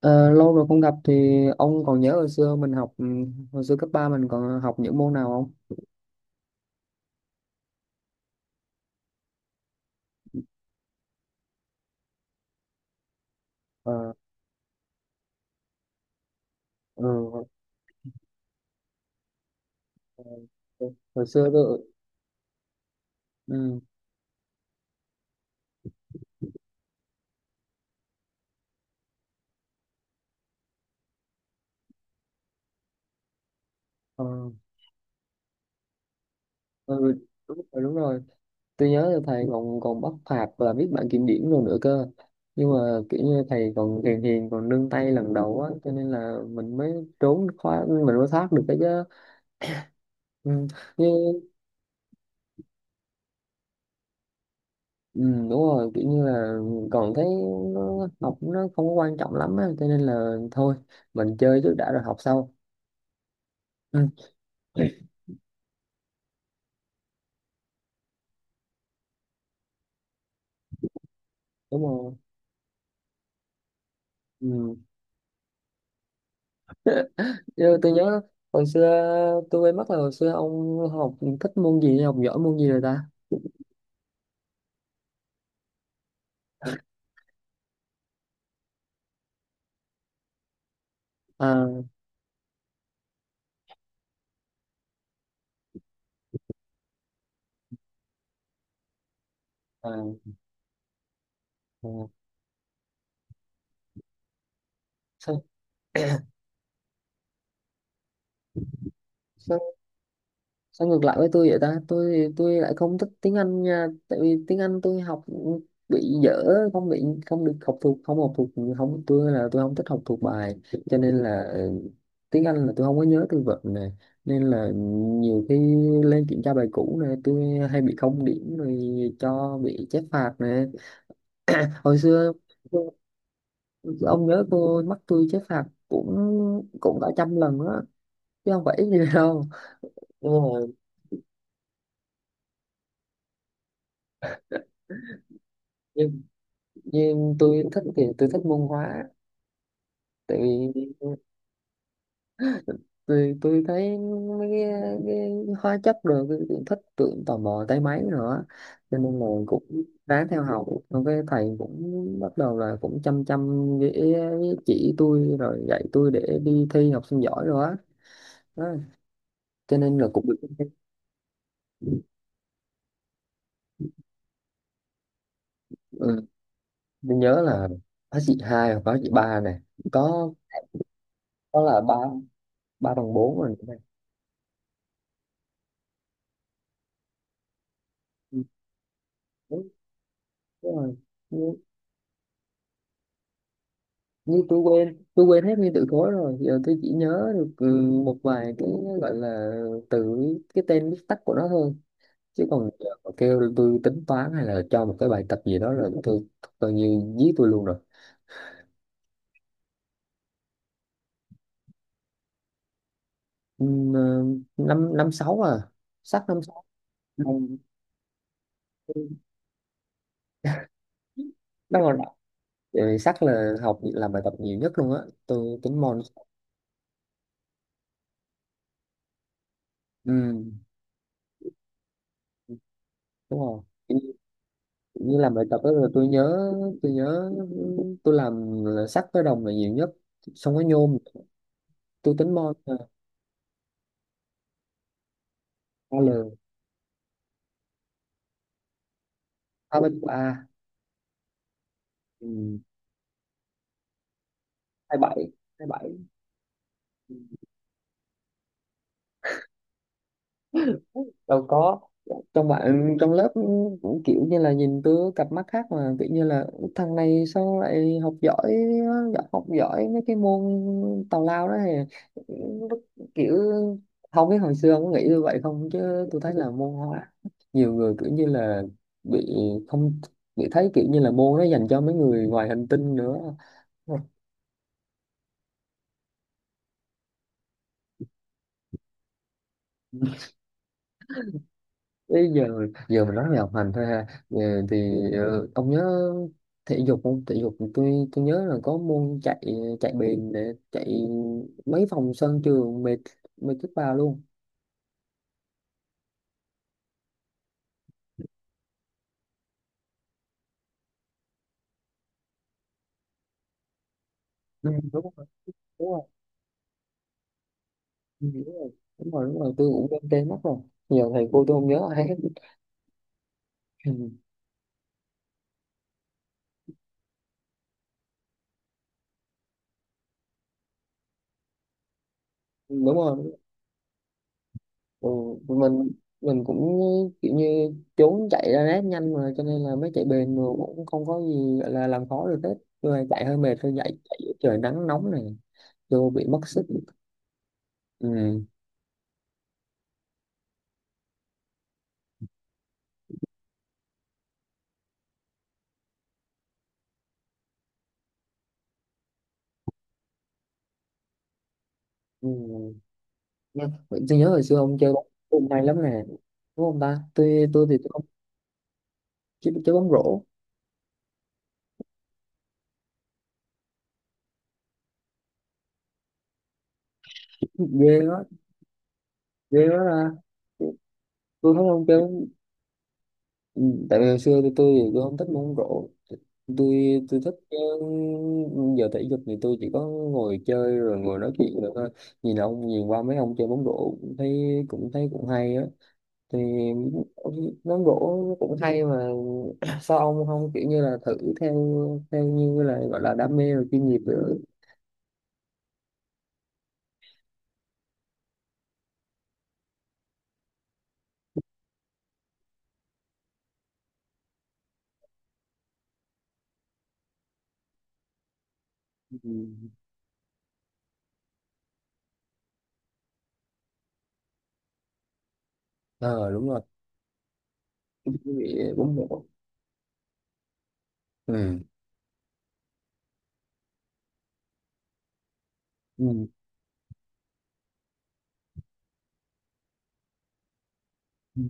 Ờ, lâu rồi không gặp thì ông còn nhớ hồi xưa mình học hồi xưa cấp 3 mình còn học những môn nào không? Ờ. Ừ. Hồi, hồi hồi xưa tôi. Ừ. Ờ. Ừ, đúng rồi, đúng rồi. Tôi nhớ là thầy còn còn bắt phạt và viết bảng kiểm điểm rồi nữa cơ. Nhưng mà kiểu như thầy còn hiền hiền còn nương tay lần đầu á cho nên là mình mới trốn khóa mình mới thoát được cái chứ. Ừ. Ừ, đúng rồi, kiểu như là còn thấy nó, học nó không có quan trọng lắm á cho nên là thôi mình chơi trước đã rồi học sau. Ừ. Đúng rồi. Ừ. Chứ tôi nhớ hồi xưa tôi quên mất là hồi xưa ông học thích môn gì, học giỏi môn gì rồi ta? À. À. À. Sao? Sao ngược lại với tôi vậy ta? Tôi lại không thích tiếng Anh nha, tại vì tiếng Anh tôi học bị dở, không bị không được học thuộc, không học thuộc. Không, tôi là tôi không thích học thuộc bài cho nên là tiếng Anh là tôi không có nhớ từ vựng nè, nên là nhiều khi lên kiểm tra bài cũ này tôi hay bị không điểm rồi, cho bị chép phạt nè hồi xưa. Ông nhớ cô mắc tôi chép phạt cũng, cả trăm lần á, chứ không phải ít gì đâu. Đúng rồi. Nhưng tôi thích thì tôi thích muôn hóa, tại vì tôi thấy mấy cái, cái hóa chất rồi tôi cũng thích, tôi cũng tò mò tới mấy nữa cho nên là cũng ráng theo học, xong cái thầy cũng bắt đầu là cũng chăm chăm chỉ tôi rồi dạy tôi để đi thi học sinh giỏi rồi á đó. Cho nên là cũng được. Ừ. Tôi nhớ là hóa trị 2 hoặc hóa trị 3 này, có có là ba ba bằng bốn rồi này. Ừ, đúng, đúng rồi. Như tôi quên hết nguyên từ khối rồi, giờ tôi chỉ nhớ được một vài cái gọi là từ cái tên viết tắt của nó thôi, chứ còn giờ mà kêu tôi tính toán hay là cho một cái bài tập gì đó là tôi coi như giết tôi luôn rồi. Ừm, ờ, Năm năm sáu à, sắc năm sáu. Ừm. Đang còn, sắc là học làm bài tập nhiều nhất luôn á, tôi tính môn. Ừm. Đúng rồi. Như làm bài tập đó là tôi nhớ tôi làm là sắt với đồng là nhiều nhất, xong cái nhôm. Tôi tính mol. Al. Ba bên của A. 27, 27. Đâu có. Trong bạn trong lớp cũng kiểu như là nhìn tôi cặp mắt khác, mà kiểu như là thằng này sao lại học giỏi, học giỏi mấy cái môn tào lao đó này. Kiểu không biết hồi xưa ông có nghĩ như vậy không, chứ tôi thấy là môn hóa nhiều người kiểu như là bị không, bị thấy kiểu như là môn nó dành cho mấy người ngoài hành tinh nữa. Bây giờ giờ mình nói về học hành thôi ha. Ờ, thì ông nhớ thể dục không? Thể dục tôi nhớ là có môn chạy, chạy bền, để chạy mấy vòng sân trường mệt, mệt chết bà luôn. Ừ, đúng rồi, đúng rồi. Ừ, đúng rồi, đúng rồi, đúng rồi, tôi cũng quên tên mất rồi. Giờ thầy cô tôi không nhớ ai hết. Ừ, đúng rồi. Ừ, mình mình cũng kiểu như trốn chạy ra nét nhanh mà cho nên là mới chạy bền mà cũng không có gì gọi là làm khó được hết. Tôi chạy hơi mệt thôi, chạy chạy giữa trời nắng nóng này vô bị mất sức. Ừ. Ừ. Nhá. Vậy tôi nhớ hồi xưa ông chơi bóng cũng may lắm nè, đúng không ta? Tôi thì tôi không chơi, chơi bóng rổ. Ghê quá. Ghê quá ra. Tôi thấy ông chơi bóng... Ừ, tại vì hồi xưa thì tôi không thích bóng rổ. Tôi thích giờ thể dục thì tôi chỉ có ngồi chơi rồi ngồi nói chuyện được thôi. Nhìn ông, nhìn qua mấy ông chơi bóng rổ cũng thấy, cũng thấy cũng hay á, thì nón gỗ nó cũng hay mà. Sao ông không kiểu như là thử theo, theo như là gọi là đam mê và chuyên nghiệp nữa? Ừ. ờ đúng rồi. Cái bị bún bổ. Ừ. Ừ. Ừ.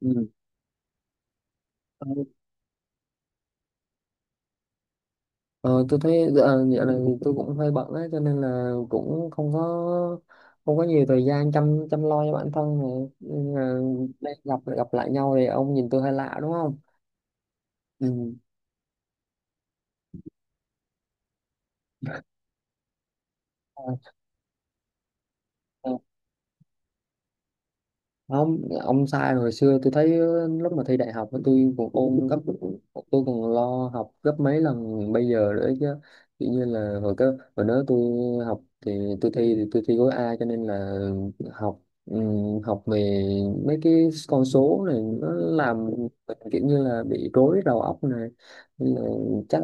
Ừ. Ờ, ờ, tôi thấy dạo này thì tôi cũng hơi bận á cho nên là cũng không có, không có nhiều thời gian chăm chăm lo cho bản thân này, nên là đây, gặp gặp lại nhau thì ông nhìn tôi hơi lạ đúng không? Ừ. Ờ, Không ông sai, hồi xưa tôi thấy lúc mà thi đại học tôi còn ôn gấp, tôi còn lo học gấp mấy lần bây giờ nữa chứ. Tự nhiên là hồi đó tôi học thì tôi thi, thì tôi thi gói A cho nên là học, học về mấy cái con số này nó làm mình kiểu như là bị rối đầu óc này. Nên là chắc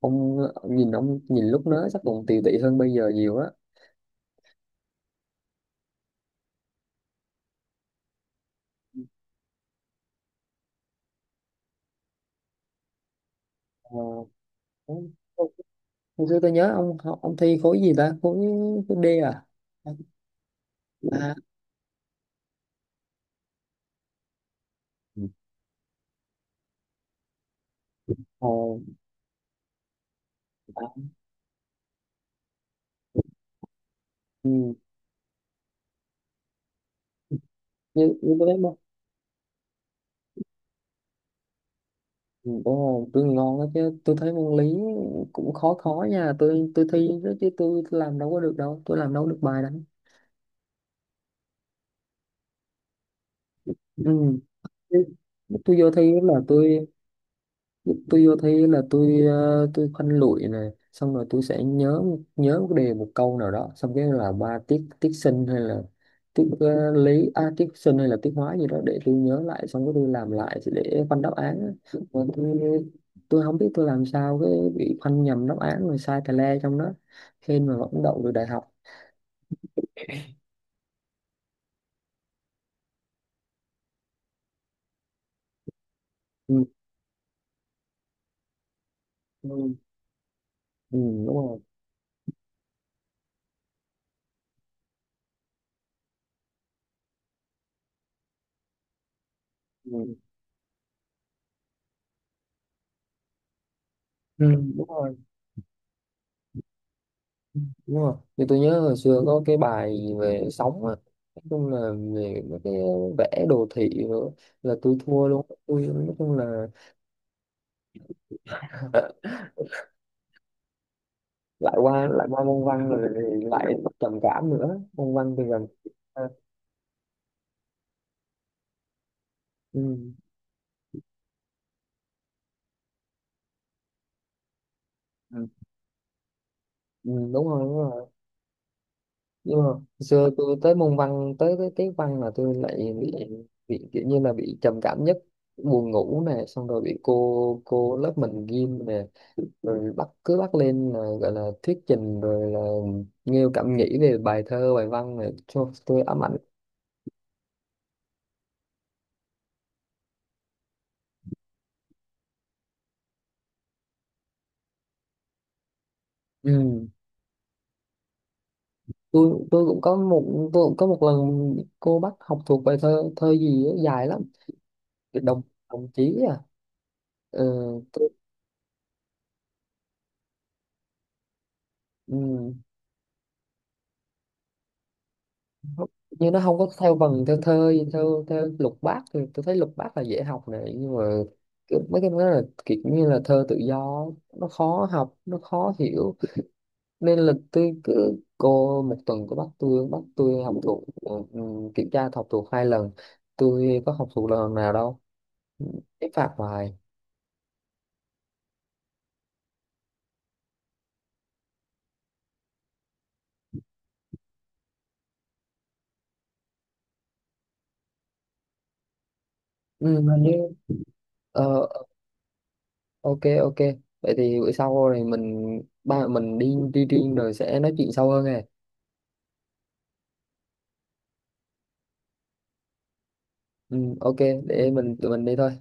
ông ông nhìn lúc đó chắc còn tiều tụy hơn bây giờ nhiều á. Ờ, Hồi xưa tôi nhớ ông học ông thi khối gì ta? Khối khối D à? À. Ồ. À. Ừ. như như tôi thấy môn. Ừ, đúng rồi, trường ngon đó chứ. Tôi thấy môn lý cũng khó khó nha, tôi thi đó chứ tôi làm đâu có được đâu, tôi làm đâu có được bài đâu. Ừ. Chứ tôi vô thi là tôi tôi vô thi là tôi, tôi khoanh lụi này, xong rồi tôi sẽ nhớ, nhớ một cái đề một câu nào đó, xong cái là ba tiết tiết sinh hay là tiết lý à, tiết sinh hay là tiết hóa gì đó để tôi nhớ lại, xong cái tôi làm lại để khoanh đáp án á. Mà tôi không biết tôi làm sao cái bị khoanh nhầm đáp án rồi sai tà le trong đó, hên mà vẫn đậu được đại học. Ừ. Ừ. Ừ, đúng rồi. Ừ. Ừ. Đúng rồi, đúng rồi, như tôi nhớ hồi xưa có cái bài gì về sóng á, nói chung là về mấy cái vẽ đồ thị nữa là tôi thua luôn, tôi nói chung là. Lại qua môn văn rồi thì lại trầm cảm nữa, môn văn thì gần. À. Ừ. Ừ. Ừ, đúng rồi, đúng rồi. Nhưng mà hồi xưa tôi tới môn văn, tới cái tiết văn là tôi lại bị kiểu như là bị trầm cảm nhất, buồn ngủ nè, xong rồi bị cô lớp mình ghim nè, rồi bắt cứ bắt lên là gọi là thuyết trình rồi là nêu cảm nghĩ về bài thơ bài văn này, cho tôi ám ảnh. Ừ. Tôi cũng có một lần cô bắt học thuộc bài thơ, thơ gì á, dài lắm. Đồng Đồng chí à. ừ, tôi, ừ, nó- như nó không có theo vần theo thơ theo theo lục bát, thì tôi thấy lục bát là dễ học này, nhưng mà cái- mấy cái đó là kiểu như là thơ tự do á, nó khó học, nó khó hiểu nên là tôi cứ, cô một tuần có bắt tôi, học thuộc, ừ, kiểm tra học thuộc 2 lần, tôi có học thuộc lần nào đâu, cái phạt hoài. Ừ, hình như. ờ, ok, ok, vậy thì bữa sau rồi mình ba mình đi, riêng rồi sẽ nói chuyện sâu hơn nè. Ừ, ok, để tụi mình đi thôi.